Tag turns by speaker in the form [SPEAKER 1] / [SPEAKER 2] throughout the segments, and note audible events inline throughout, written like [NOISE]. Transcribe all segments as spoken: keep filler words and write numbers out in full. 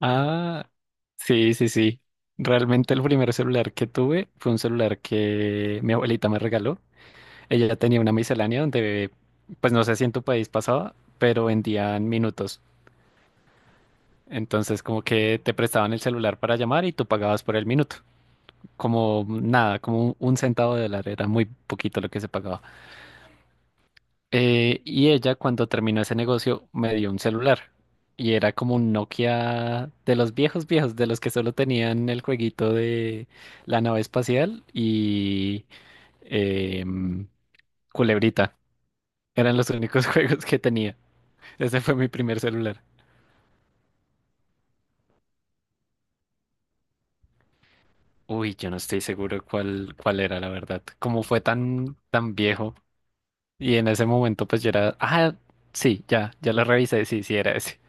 [SPEAKER 1] Ah, sí, sí, sí. Realmente el primer celular que tuve fue un celular que mi abuelita me regaló. Ella ya tenía una miscelánea donde, pues no sé si en tu país pasaba, pero vendían minutos. Entonces como que te prestaban el celular para llamar y tú pagabas por el minuto. Como nada, como un un centavo de dólar, era muy poquito lo que se pagaba. Eh, y ella cuando terminó ese negocio me dio un celular y era como un Nokia de los viejos viejos, de los que solo tenían el jueguito de la nave espacial y em, Culebrita. Eran los únicos [LAUGHS] juegos que tenía. Ese fue mi primer celular. Uy, yo no estoy seguro cuál, cuál era, la verdad. Como fue tan, tan viejo y en ese momento pues yo era, ah, sí, ya, ya lo revisé, sí, sí era ese.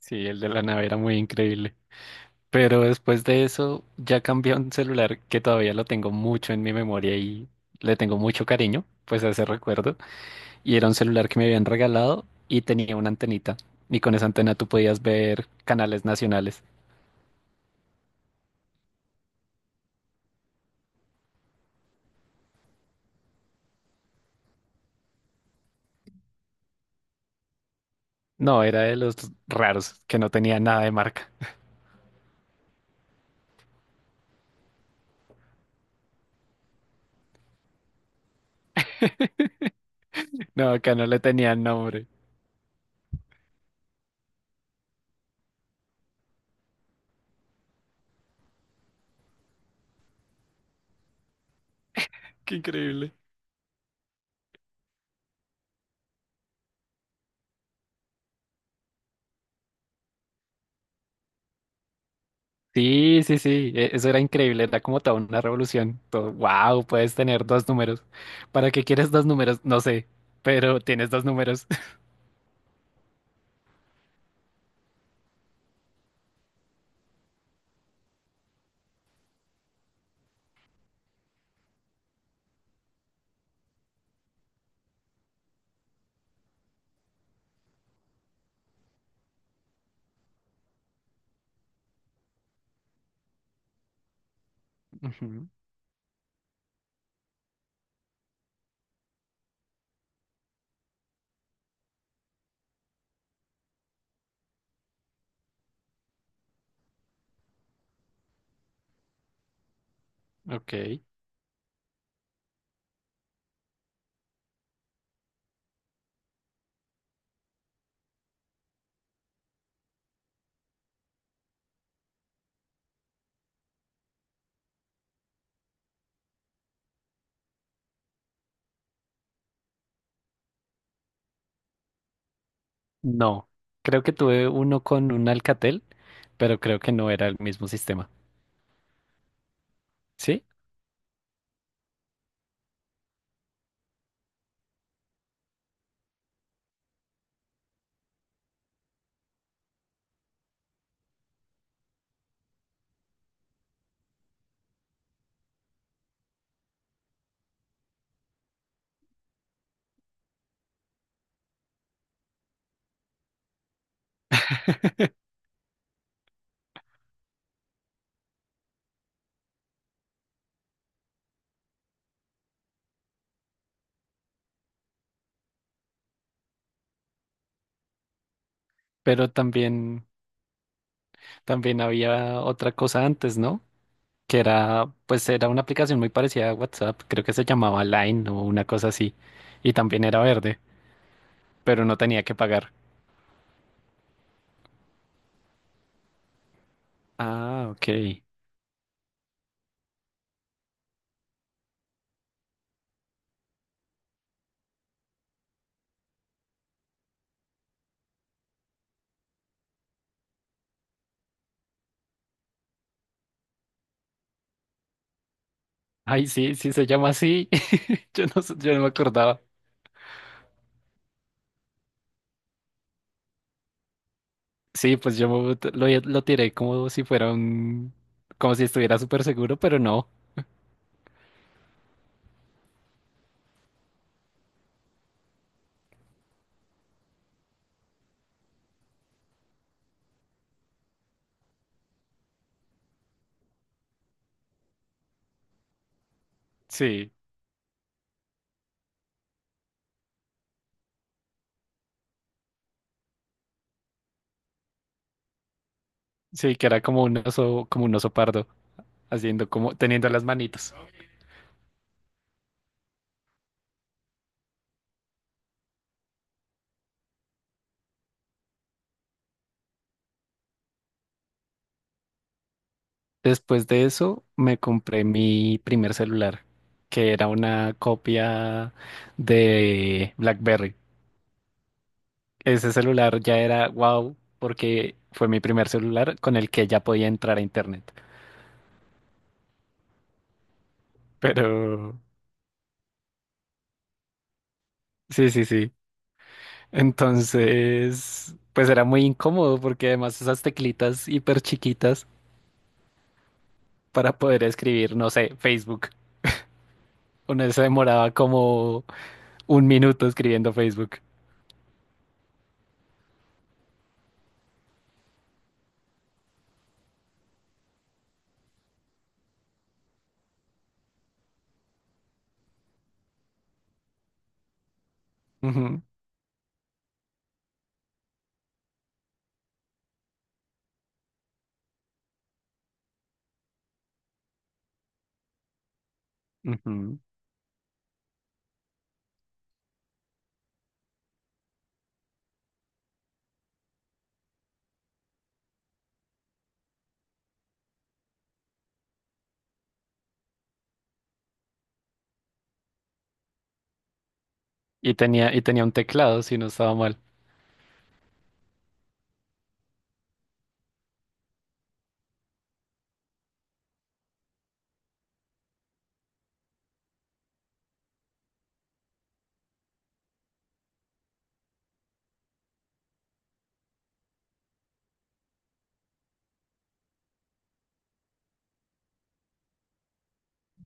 [SPEAKER 1] Sí, el de la nave era muy increíble. Pero después de eso ya cambié a un celular que todavía lo tengo mucho en mi memoria y le tengo mucho cariño, pues a ese recuerdo. Y era un celular que me habían regalado y tenía una antenita. Y con esa antena tú podías ver canales nacionales. No, era de los raros que no tenía nada de marca. [LAUGHS] No, acá no le tenían nombre. Qué increíble. Sí, sí, sí, e- eso era increíble, era como toda una revolución. Todo, wow, puedes tener dos números. ¿Para qué quieres dos números? No sé, pero tienes dos números. [LAUGHS] Ok. No. Creo que tuve uno con un Alcatel, pero creo que no era el mismo sistema. ¿Sí? Pero también, también había otra cosa antes, ¿no? Que era, pues era una aplicación muy parecida a WhatsApp. Creo que se llamaba Line o una cosa así. Y también era verde, pero no tenía que pagar. Ah, ok. Ay, sí, sí se llama así. [LAUGHS] Yo no, sé- yo no me acordaba. Sí, pues yo me- lo, lo tiré como si fuera un, como si estuviera súper seguro, pero no. Sí. Sí, que era como un oso, como un oso pardo, haciendo como, teniendo las manitos. Después de eso, me compré mi primer celular, que era una copia de BlackBerry. Ese celular ya era wow, porque fue mi primer celular con el que ya podía entrar a internet. Pero sí, sí, sí. Entonces, pues era muy incómodo porque además esas teclitas hiper chiquitas para poder escribir, no sé, Facebook. Uno se demoraba como un minuto escribiendo Facebook. Ujú, ujú. Y tenía, y tenía un teclado, si no estaba mal,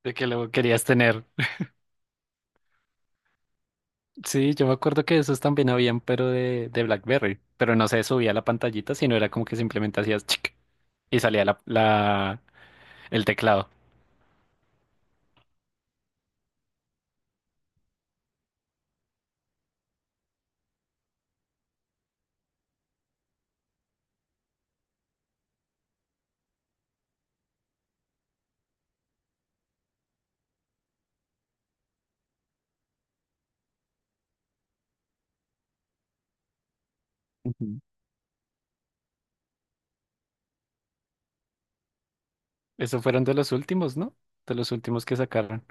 [SPEAKER 1] de que lo querías tener. Sí, yo me acuerdo que esos también habían, pero de, de BlackBerry. Pero no se subía la pantallita, sino era como que simplemente hacías chic y salía la, la, el teclado. Ujú. Esos fueron de los últimos, ¿no? De los últimos que sacaron.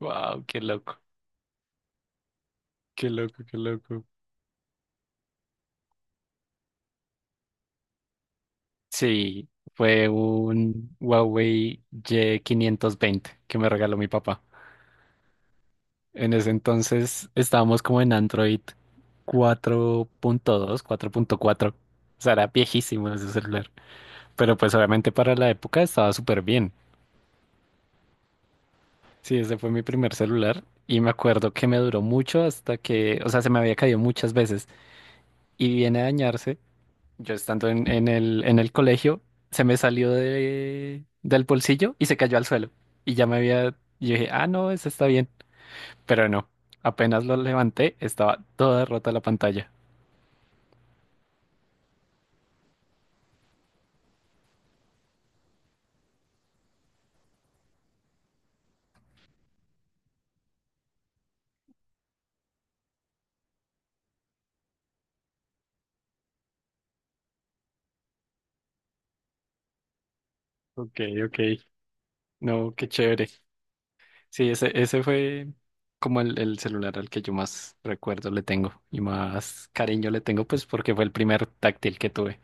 [SPEAKER 1] Wow, qué loco, qué loco, qué loco. Sí, fue un Huawei Y quinientos veinte que me regaló mi papá. En ese entonces estábamos como en Android cuatro punto dos, cuatro punto cuatro. O sea, era viejísimo ese celular. Pero pues obviamente para la época estaba súper bien. Sí, ese fue mi primer celular y me acuerdo que me duró mucho hasta que, o sea, se me había caído muchas veces y viene a dañarse. Yo estando en, en el, en el colegio, se me salió de, del bolsillo y se cayó al suelo. Y ya me había, yo dije, ah, no, ese está bien. Pero no, apenas lo levanté, estaba toda rota la pantalla. Ok, ok. No, qué chévere. Sí, ese, ese fue como el, el celular al que yo más recuerdo le tengo y más cariño le tengo, pues porque fue el primer táctil que tuve.